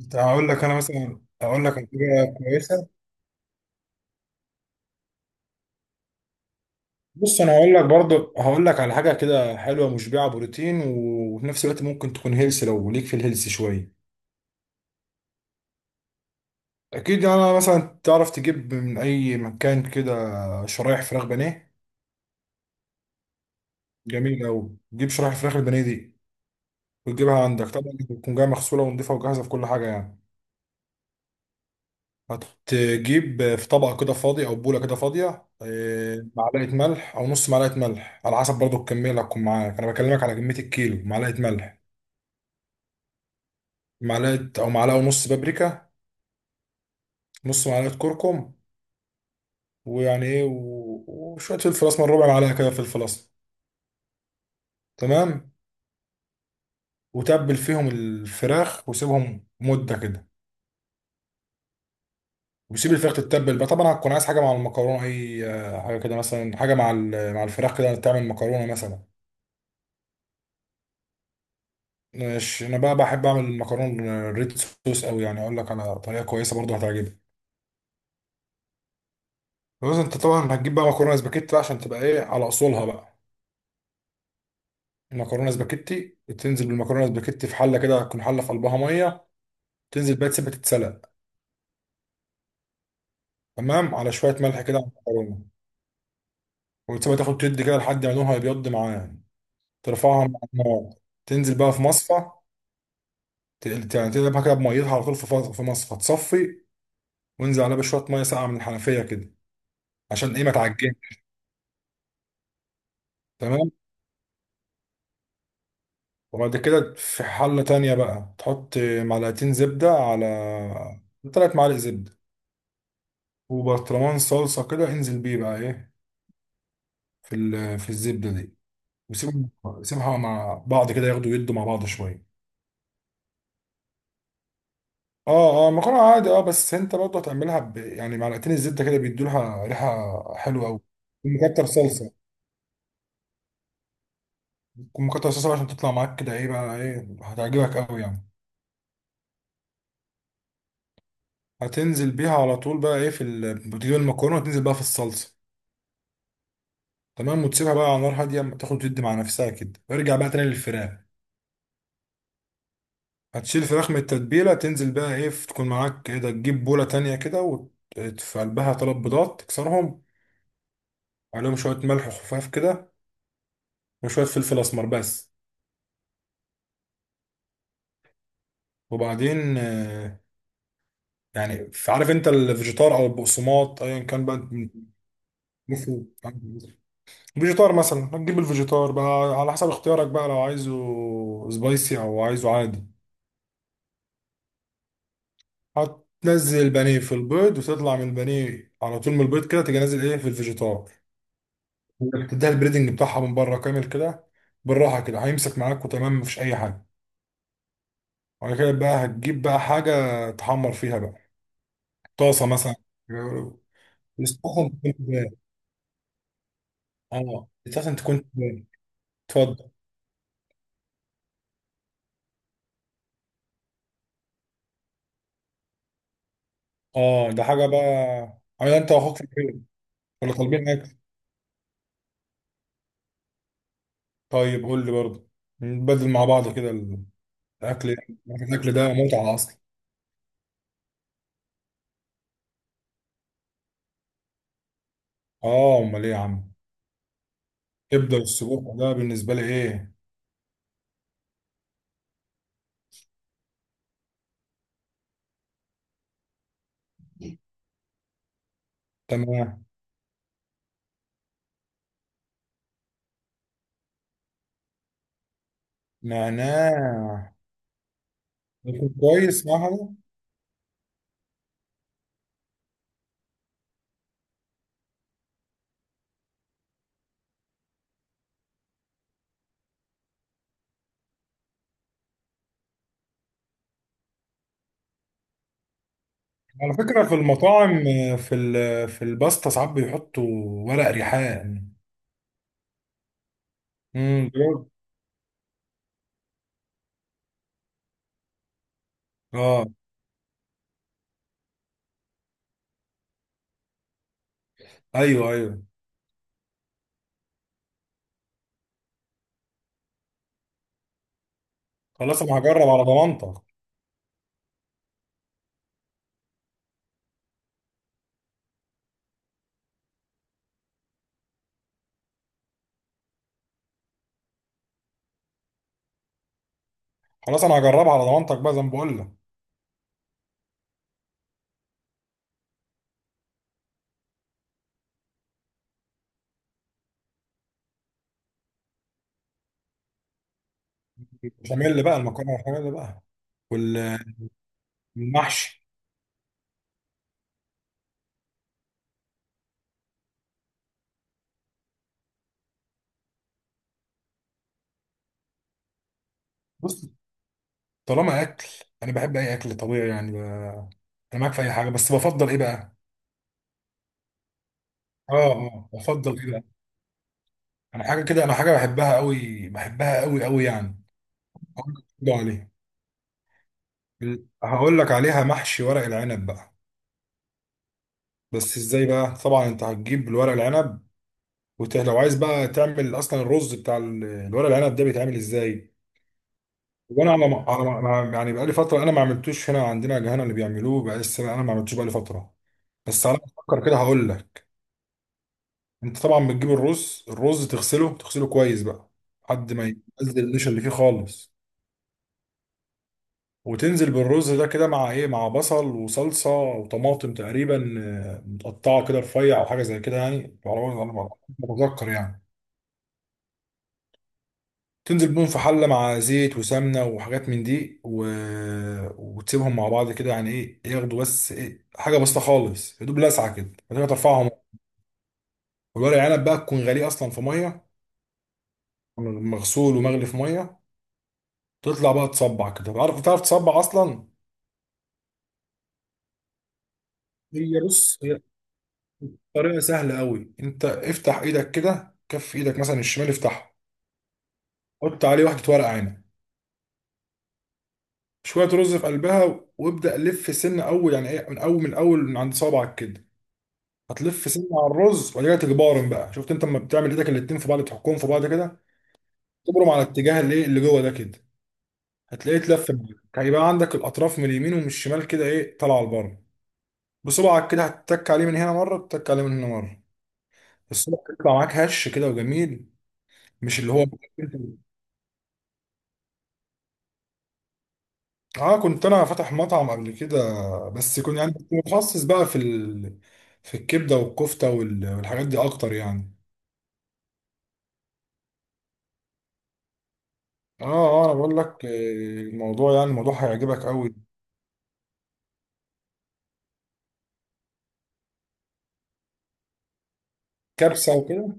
انت هقول لك. انا مثلا هقول لك على حاجه كويسه. بص انا هقول لك، برضو هقول لك على حاجه كده حلوه، مشبعه بروتين وفي نفس الوقت ممكن تكون هيلث لو ليك في الهيلث شويه. اكيد يعني. انا مثلا تعرف تجيب من اي مكان كده شرايح فراخ بانيه. جميل قوي. تجيب شرايح فراخ البانيه دي وتجيبها عندك، طبعا بتكون جايه مغسوله ونضيفه وجاهزه في كل حاجه يعني. هتجيب في طبق كده فاضي او بوله كده فاضيه، معلقه ملح او نص معلقه ملح على حسب برضو الكميه اللي هتكون معاك. انا بكلمك على كميه الكيلو، معلقه ملح، معلقه او معلقه ونص بابريكا، نص معلقه كركم، ويعني ايه و- وشويه فلفل اسمر، ربع معلقه كده فلفل اسمر. تمام. وتبل فيهم الفراخ وسيبهم مده كده. وسيب الفراخ تتبل بقى. طبعا هتكون عايز حاجه مع المكرونه، اي حاجه كده، مثلا حاجه مع الفراخ كده، تعمل مكرونه مثلا. ماشي، انا بقى بحب اعمل المكرونه الريد صوص قوي يعني. اقول لك على طريقه كويسه برضه هتعجبك. بس انت طبعا هتجيب بقى مكرونه سباكيتي بقى عشان تبقى ايه، على اصولها بقى. المكرونه سباكيتي، تنزل بالمكرونه سباكيتي في حله كده، تكون حله في قلبها ميه. تنزل بقى، تسيبها تتسلق تمام على شويه ملح كده على المكرونه. وتسيبها تاخد تد كده لحد ما لونها يبيض معايا. ترفعها من على النار، تنزل بقى في مصفى. يعني تقلبها كده بميتها على طول، في مصفى تصفي. وانزل عليها بشويه ميه ساقعه من الحنفيه كده عشان ايه، ما تعجنش. تمام. وبعد كده في حلة تانية بقى تحط معلقتين زبدة على، 3 معالق زبدة وبرطمان صلصة، كده انزل بيه بقى ايه في الزبدة دي. وسيبهم، سيبها مع بعض كده ياخدوا يدوا مع بعض شوية. اه اه، مكرونة عادي. اه، بس انت برضه يعني معلقتين الزبدة كده بيدوا لها ريحة حلوة أوي. ومكتر صلصة. ومكتر صلصة بقى عشان تطلع معاك كده ايه بقى، ايه هتعجبك أوي يعني. هتنزل بيها على طول بقى ايه بتجيب المكرونة وتنزل بقى في الصلصة. تمام. وتسيبها بقى على نار هاديه أما تاخد وتدي مع نفسها كده، وارجع بقى تاني للفراخ. هتشيل الفراخ من التتبيله، تنزل بقى ايه، تكون معاك ايه ده، تجيب بوله تانية كده في قلبها 3 بيضات، تكسرهم. عليهم شويه ملح خفاف كده وشويه فلفل اسمر بس. وبعدين عارف انت الفيجيتار او البقسماط ايا كان بقى، مفهوم. فيجيتار مثلا، هتجيب الفيجيتار بقى على حسب اختيارك بقى، لو عايزه سبايسي او عايزه عادي. هتنزل البانيه في البيض وتطلع من البانيه على طول، من البيض كده تيجي نازل ايه في الفيجيتار. تديها البريدنج بتاعها من بره كامل كده، بالراحه كده هيمسك معاك وتمام، مفيش اي حاجه. وبعد كده بقى هتجيب بقى حاجه تحمر فيها بقى، طاسه مثلا. يستخدم تكون تبان. اه يستخدم تكون تبان. اتفضل. اه، ده حاجه بقى. عمال انت واخوك في البيت، ولا طالبين اكل؟ طيب قول لي برضه، نبدل مع بعض كده. الاكل، الاكل ده متعه اصلا. اه امال ايه يا عم. كبده والسجق ده بالنسبه لي ايه. تمام. نعناع يكون كويس معاها. على فكره في المطاعم، في الباستا ساعات بيحطوا ورق ريحان. امم، بجد؟ اه. ايوه ايوه. خلاص انا هجرب على ضمانتك. خلاص انا هجربها على ضمانتك بقى زي ما بقول لك. البشاميل بقى، المكرونه البشاميل بقى. والمحشي. بص، طالما اكل، انا بحب اي اكل طبيعي يعني انا معاك في اي حاجه، بس بفضل ايه بقى. اه اه، بفضل ايه بقى. انا حاجه كده، انا حاجه بحبها قوي، بحبها قوي قوي يعني. هقول لك برضه عليها. هقول لك عليها محشي ورق العنب بقى. بس ازاي بقى؟ طبعا انت هتجيب الورق العنب لو عايز بقى تعمل اصلا الرز الورق العنب ده بيتعمل ازاي. وانا على ما... على ما... ما- يعني بقى لي فتره انا ما عملتوش. هنا عندنا هنا اللي بيعملوه بقى، لسه انا ما عملتوش بقى لي فتره. بس على ما افكر كده هقول لك. انت طبعا بتجيب الرز، الرز تغسله، تغسله كويس بقى لحد ما ينزل النشا اللي فيه خالص. وتنزل بالرز ده كده مع ايه، مع بصل وصلصه وطماطم تقريبا، متقطعه كده رفيع او حاجه زي كده يعني. على ما اتذكر يعني. تنزل بيهم في حله مع زيت وسمنه وحاجات من دي وتسيبهم مع بعض كده يعني ايه ياخدوا، بس ايه حاجه بسيطه خالص، يا دوب لسعه كده بعد كده ترفعهم. والورق عنب بقى تكون غاليه اصلا في ميه، مغسول ومغلي في ميه. تطلع بقى تصبع كده. عارف بتعرف تصبع اصلا؟ هي بص، هي طريقة سهلة قوي. انت افتح ايدك كده، كف ايدك مثلا الشمال افتحها. حط عليه واحدة ورق عنب، شوية رز في قلبها، وابدأ لف سنة اول، يعني ايه، من اول، من اول من عند صابعك كده. هتلف سنة على الرز وبعد كده تجبارن بقى. شفت انت لما بتعمل ايدك الاتنين في بعض، تحكهم في بعض كده، تبرم على اتجاه الايه اللي جوه ده كده، هتلاقيه اتلف معاك. هيبقى عندك الاطراف من اليمين ومن الشمال كده ايه، طالعه لبره. بصبعك كده هتتك عليه من هنا مرة، تتك عليه من هنا مرة، الصبع يطلع معاك هش كده وجميل. مش اللي هو، اه، كنت انا فاتح مطعم قبل كده. بس كنت يعني كنت متخصص بقى في الكبده والكفته والحاجات دي اكتر يعني. اه اه، انا بقول لك الموضوع، يعني الموضوع هيعجبك قوي. كبسه وكده،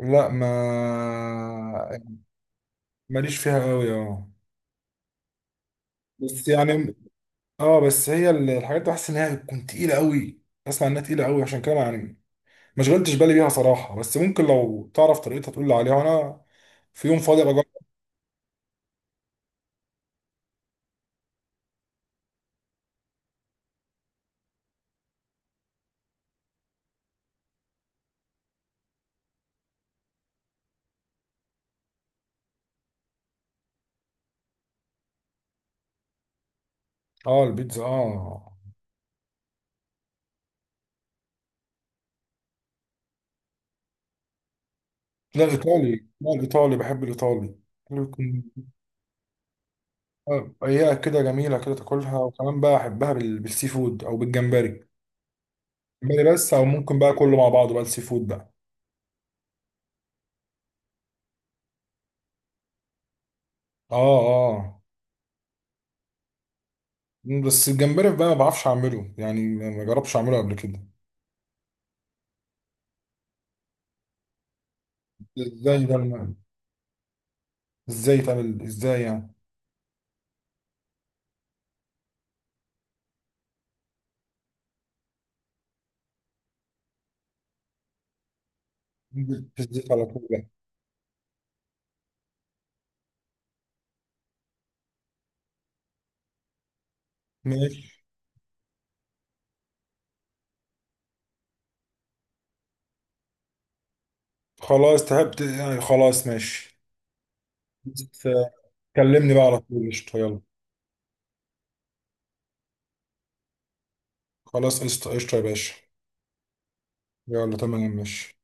لا ما ماليش فيها قوي. اه بس يعني، اه بس الحاجات دي بحس انها بتكون تقيله قوي. اسمع انها تقيله قوي، عشان كده يعني ما شغلتش بالي بيها صراحه. بس ممكن لو تعرف طريقتها تقول لي عليها، وانا في يوم فاضي بجرب. اه البيتزا اه. لا الإيطالي، لا الإيطالي بحب الإيطالي. حلو يكون، أيها كده جميلة كده تاكلها. وكمان بقى أحبها بالسي فود أو بالجمبري. جمبري بس، أو ممكن بقى كله مع بعضه بقى، السي فود بقى. آه آه. بس الجمبري بقى ما بعرفش أعمله يعني، ما جربتش أعمله قبل كده. إزاي ده إزاي تعمل، إزاي يعني؟ في الزيت على طول بقى. ماشي. خلاص تعبت يعني، خلاص ماشي. بس، كلمني بقى على طول، قشطة، يلا. خلاص، قشطة قشطة يا باشا. يلا تمام ماشي.